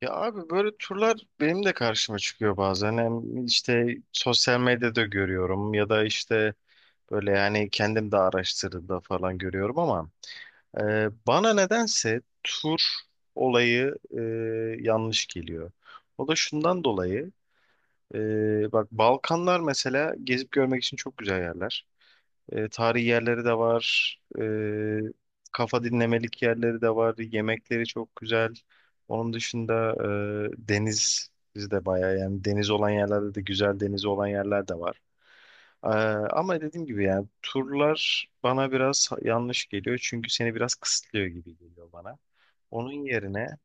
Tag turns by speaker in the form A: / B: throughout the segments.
A: Ya abi, böyle turlar benim de karşıma çıkıyor bazen. Hem işte sosyal medyada görüyorum, ya da işte böyle yani kendim de araştırdığımda falan görüyorum, ama bana nedense tur olayı yanlış geliyor. O da şundan dolayı. Bak, Balkanlar mesela gezip görmek için çok güzel yerler. Tarihi yerleri de var. Kafa dinlemelik yerleri de var. Yemekleri çok güzel. Onun dışında deniz de bayağı, yani deniz olan yerlerde de güzel, deniz olan yerler de var. E, ama dediğim gibi yani turlar bana biraz yanlış geliyor. Çünkü seni biraz kısıtlıyor gibi geliyor bana. Onun yerine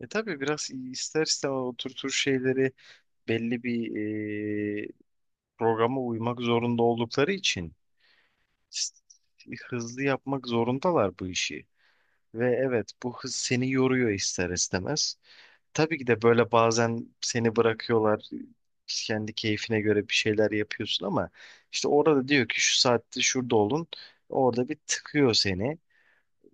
A: tabii biraz ister istemez o tür tür şeyleri belli bir e, programa uymak zorunda oldukları için hızlı yapmak zorundalar bu işi. Ve evet, bu hız seni yoruyor ister istemez. Tabii ki de böyle bazen seni bırakıyorlar. Kendi keyfine göre bir şeyler yapıyorsun ama işte orada diyor ki şu saatte şurada olun. Orada bir tıkıyor seni.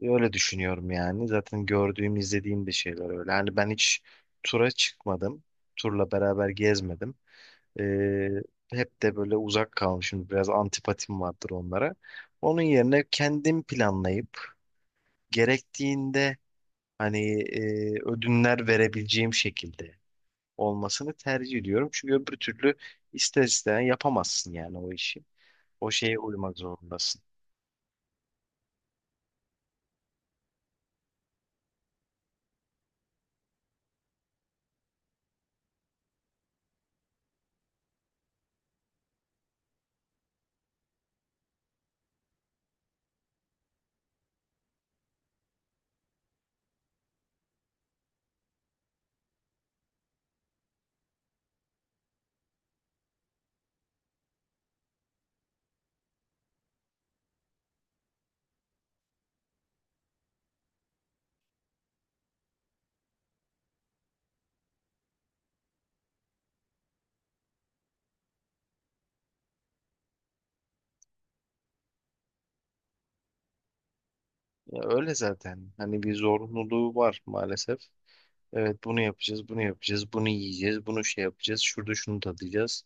A: Öyle düşünüyorum yani. Zaten gördüğüm, izlediğim de şeyler öyle. Yani ben hiç tura çıkmadım. Turla beraber gezmedim. Ee, hep de böyle uzak kalmışım. Biraz antipatim vardır onlara. Onun yerine kendim planlayıp gerektiğinde, hani ödünler verebileceğim şekilde olmasını tercih ediyorum. Çünkü öbür türlü ister isteyen yapamazsın yani o işi. O şeye uymak zorundasın. Ya öyle zaten. Hani bir zorunluluğu var maalesef. Evet, bunu yapacağız, bunu yapacağız, bunu yiyeceğiz, bunu şey yapacağız, şurada şunu tadacağız.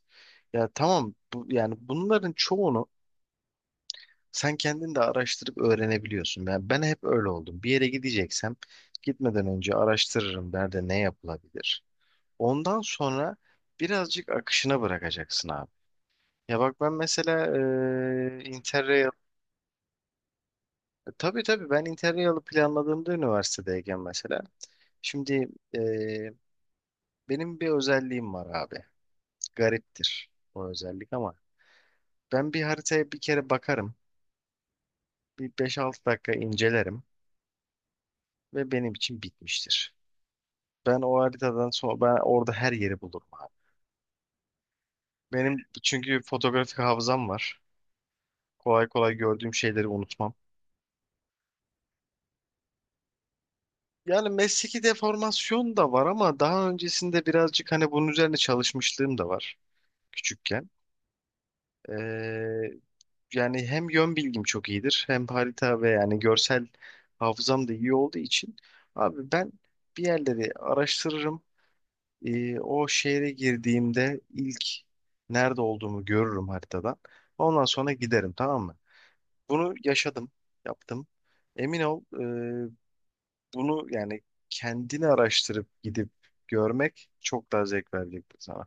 A: Ya tamam bu, yani bunların çoğunu sen kendin de araştırıp öğrenebiliyorsun. Ben hep öyle oldum. Bir yere gideceksem gitmeden önce araştırırım nerede ne yapılabilir. Ondan sonra birazcık akışına bırakacaksın abi. Ya bak ben mesela Interrail, tabii tabii, ben Interrail'ı planladığımda üniversitedeyken mesela, şimdi e, benim bir özelliğim var abi. Gariptir o özellik, ama ben bir haritaya bir kere bakarım. Bir 5-6 dakika incelerim ve benim için bitmiştir. Ben o haritadan sonra ben orada her yeri bulurum abi. Benim çünkü fotoğrafik hafızam var. Kolay kolay gördüğüm şeyleri unutmam. Yani mesleki deformasyon da var, ama daha öncesinde birazcık hani bunun üzerine çalışmışlığım da var küçükken. Ee, yani hem yön bilgim çok iyidir, hem harita, ve yani görsel hafızam da iyi olduğu için, abi ben bir yerleri araştırırım. O şehre girdiğimde ilk nerede olduğumu görürüm haritadan. Ondan sonra giderim, tamam mı? Bunu yaşadım, yaptım. Emin ol, e, bunu yani kendini araştırıp gidip görmek çok daha zevk verecektir sana.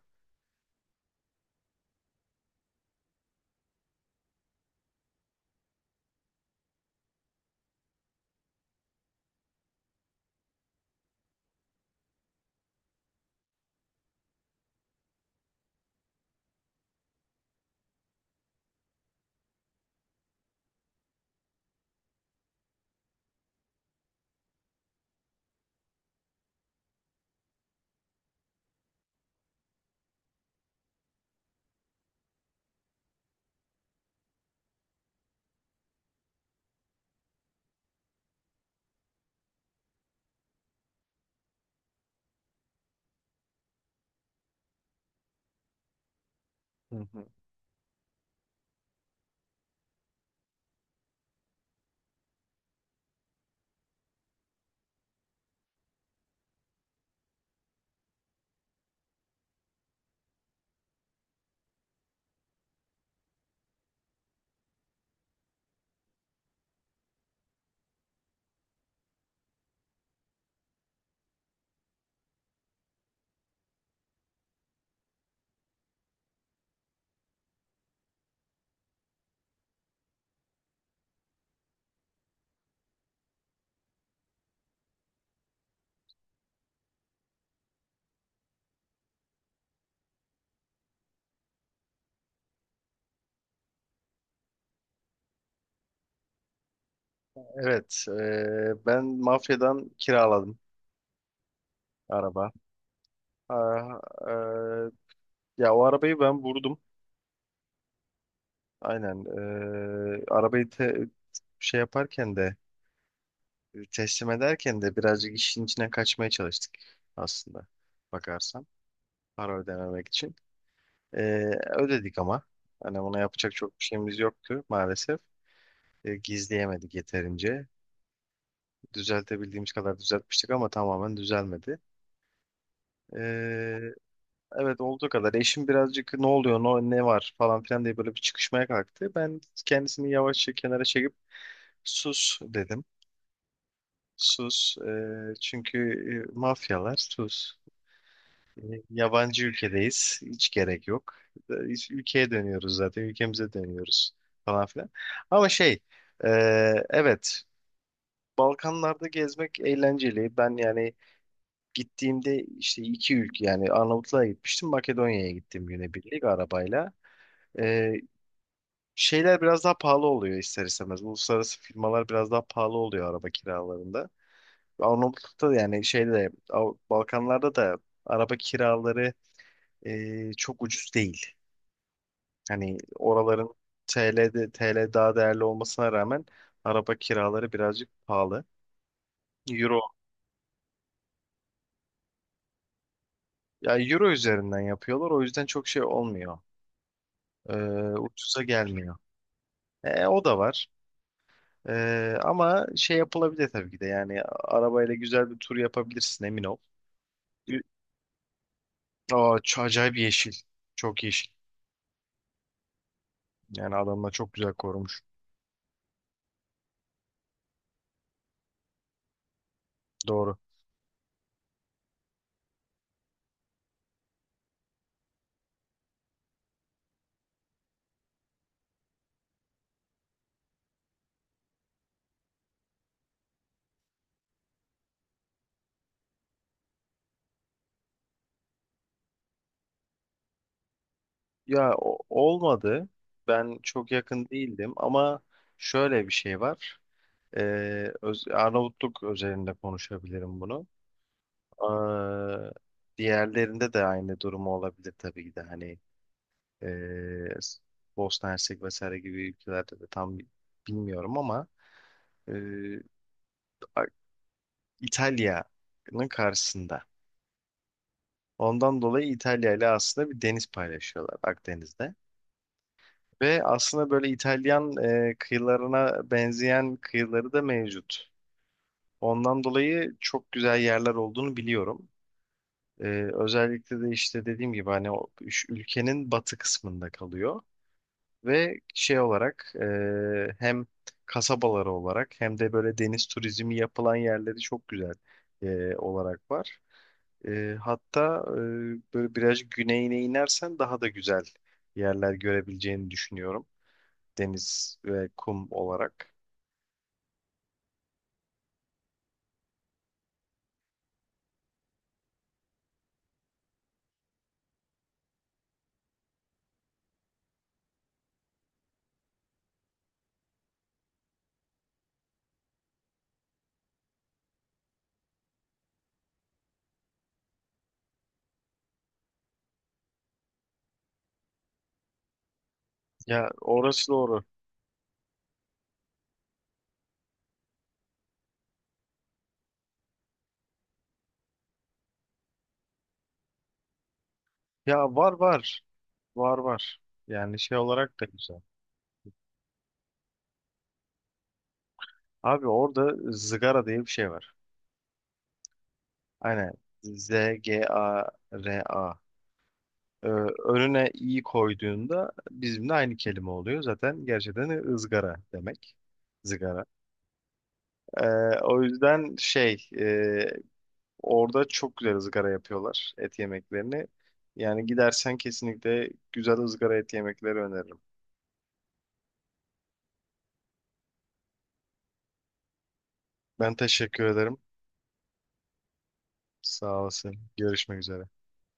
A: Hı hı. Evet, ben mafyadan kiraladım araba. Ah, e, ya o arabayı ben vurdum. Aynen. Arabayı şey yaparken de, teslim ederken de birazcık işin içine kaçmaya çalıştık aslında bakarsan, para ödememek için. Ee, ödedik ama hani buna yapacak çok bir şeyimiz yoktu maalesef. Gizleyemedik yeterince. Düzeltebildiğimiz kadar düzeltmiştik ama tamamen düzelmedi. Ee, evet, olduğu kadar. Eşim birazcık ne oluyor, ne var falan filan diye böyle bir çıkışmaya kalktı. Ben kendisini yavaşça kenara çekip sus dedim. Sus. Çünkü mafyalar, sus. E, Yabancı ülkedeyiz. Hiç gerek yok. Biz ülkeye dönüyoruz zaten. Ülkemize dönüyoruz falan filan. Ama şey, e, evet, Balkanlarda gezmek eğlenceli. Ben yani gittiğimde işte iki ülke, yani Arnavutluğa gitmiştim. Makedonya'ya gittim günebirlik arabayla. E, şeyler biraz daha pahalı oluyor ister istemez. Uluslararası firmalar biraz daha pahalı oluyor araba kiralarında. Arnavutluk'ta da yani şeyde, Balkanlarda da araba kiraları çok ucuz değil. Hani oraların TL'de TL daha değerli olmasına rağmen, araba kiraları birazcık pahalı. Euro. Ya euro üzerinden yapıyorlar, o yüzden çok şey olmuyor. Ee, ucuza gelmiyor. O da var. Ama şey, yapılabilir tabii ki de, yani arabayla güzel bir tur yapabilirsin, emin ol. Ü- Aa, acayip yeşil. Çok yeşil. Yani adamlar çok güzel korumuş. Doğru. Ya olmadı. Ben çok yakın değildim ama şöyle bir şey var. Arnavutluk özelinde konuşabilirim bunu. Ee, diğerlerinde de aynı durumu olabilir tabii ki de. Hani ee, Bosna Hersek vesaire gibi ülkelerde de tam bilmiyorum, ama ee, A- İtalya'nın karşısında. Ondan dolayı İtalya ile aslında bir deniz paylaşıyorlar, Akdeniz'de. Ve aslında böyle İtalyan kıyılarına benzeyen kıyıları da mevcut. Ondan dolayı çok güzel yerler olduğunu biliyorum. E, özellikle de işte dediğim gibi hani o üç ülkenin batı kısmında kalıyor. Ve şey olarak hem kasabaları olarak, hem de böyle deniz turizmi yapılan yerleri çok güzel olarak var. Hatta böyle biraz güneyine inersen daha da güzel yerler görebileceğini düşünüyorum. Deniz ve kum olarak. Ya orası doğru. Ya, var var. Var var. Yani şey olarak da güzel. Abi, orada zıgara diye bir şey var. Aynen. Z-G-A-R-A. Ee, önüne i koyduğunda bizimle aynı kelime oluyor. Zaten gerçekten ızgara demek. Zıgara. Ee, o yüzden şey, orada çok güzel ızgara yapıyorlar et yemeklerini. Yani gidersen kesinlikle güzel ızgara et yemekleri öneririm. Ben teşekkür ederim. Sağ olasın. Görüşmek üzere.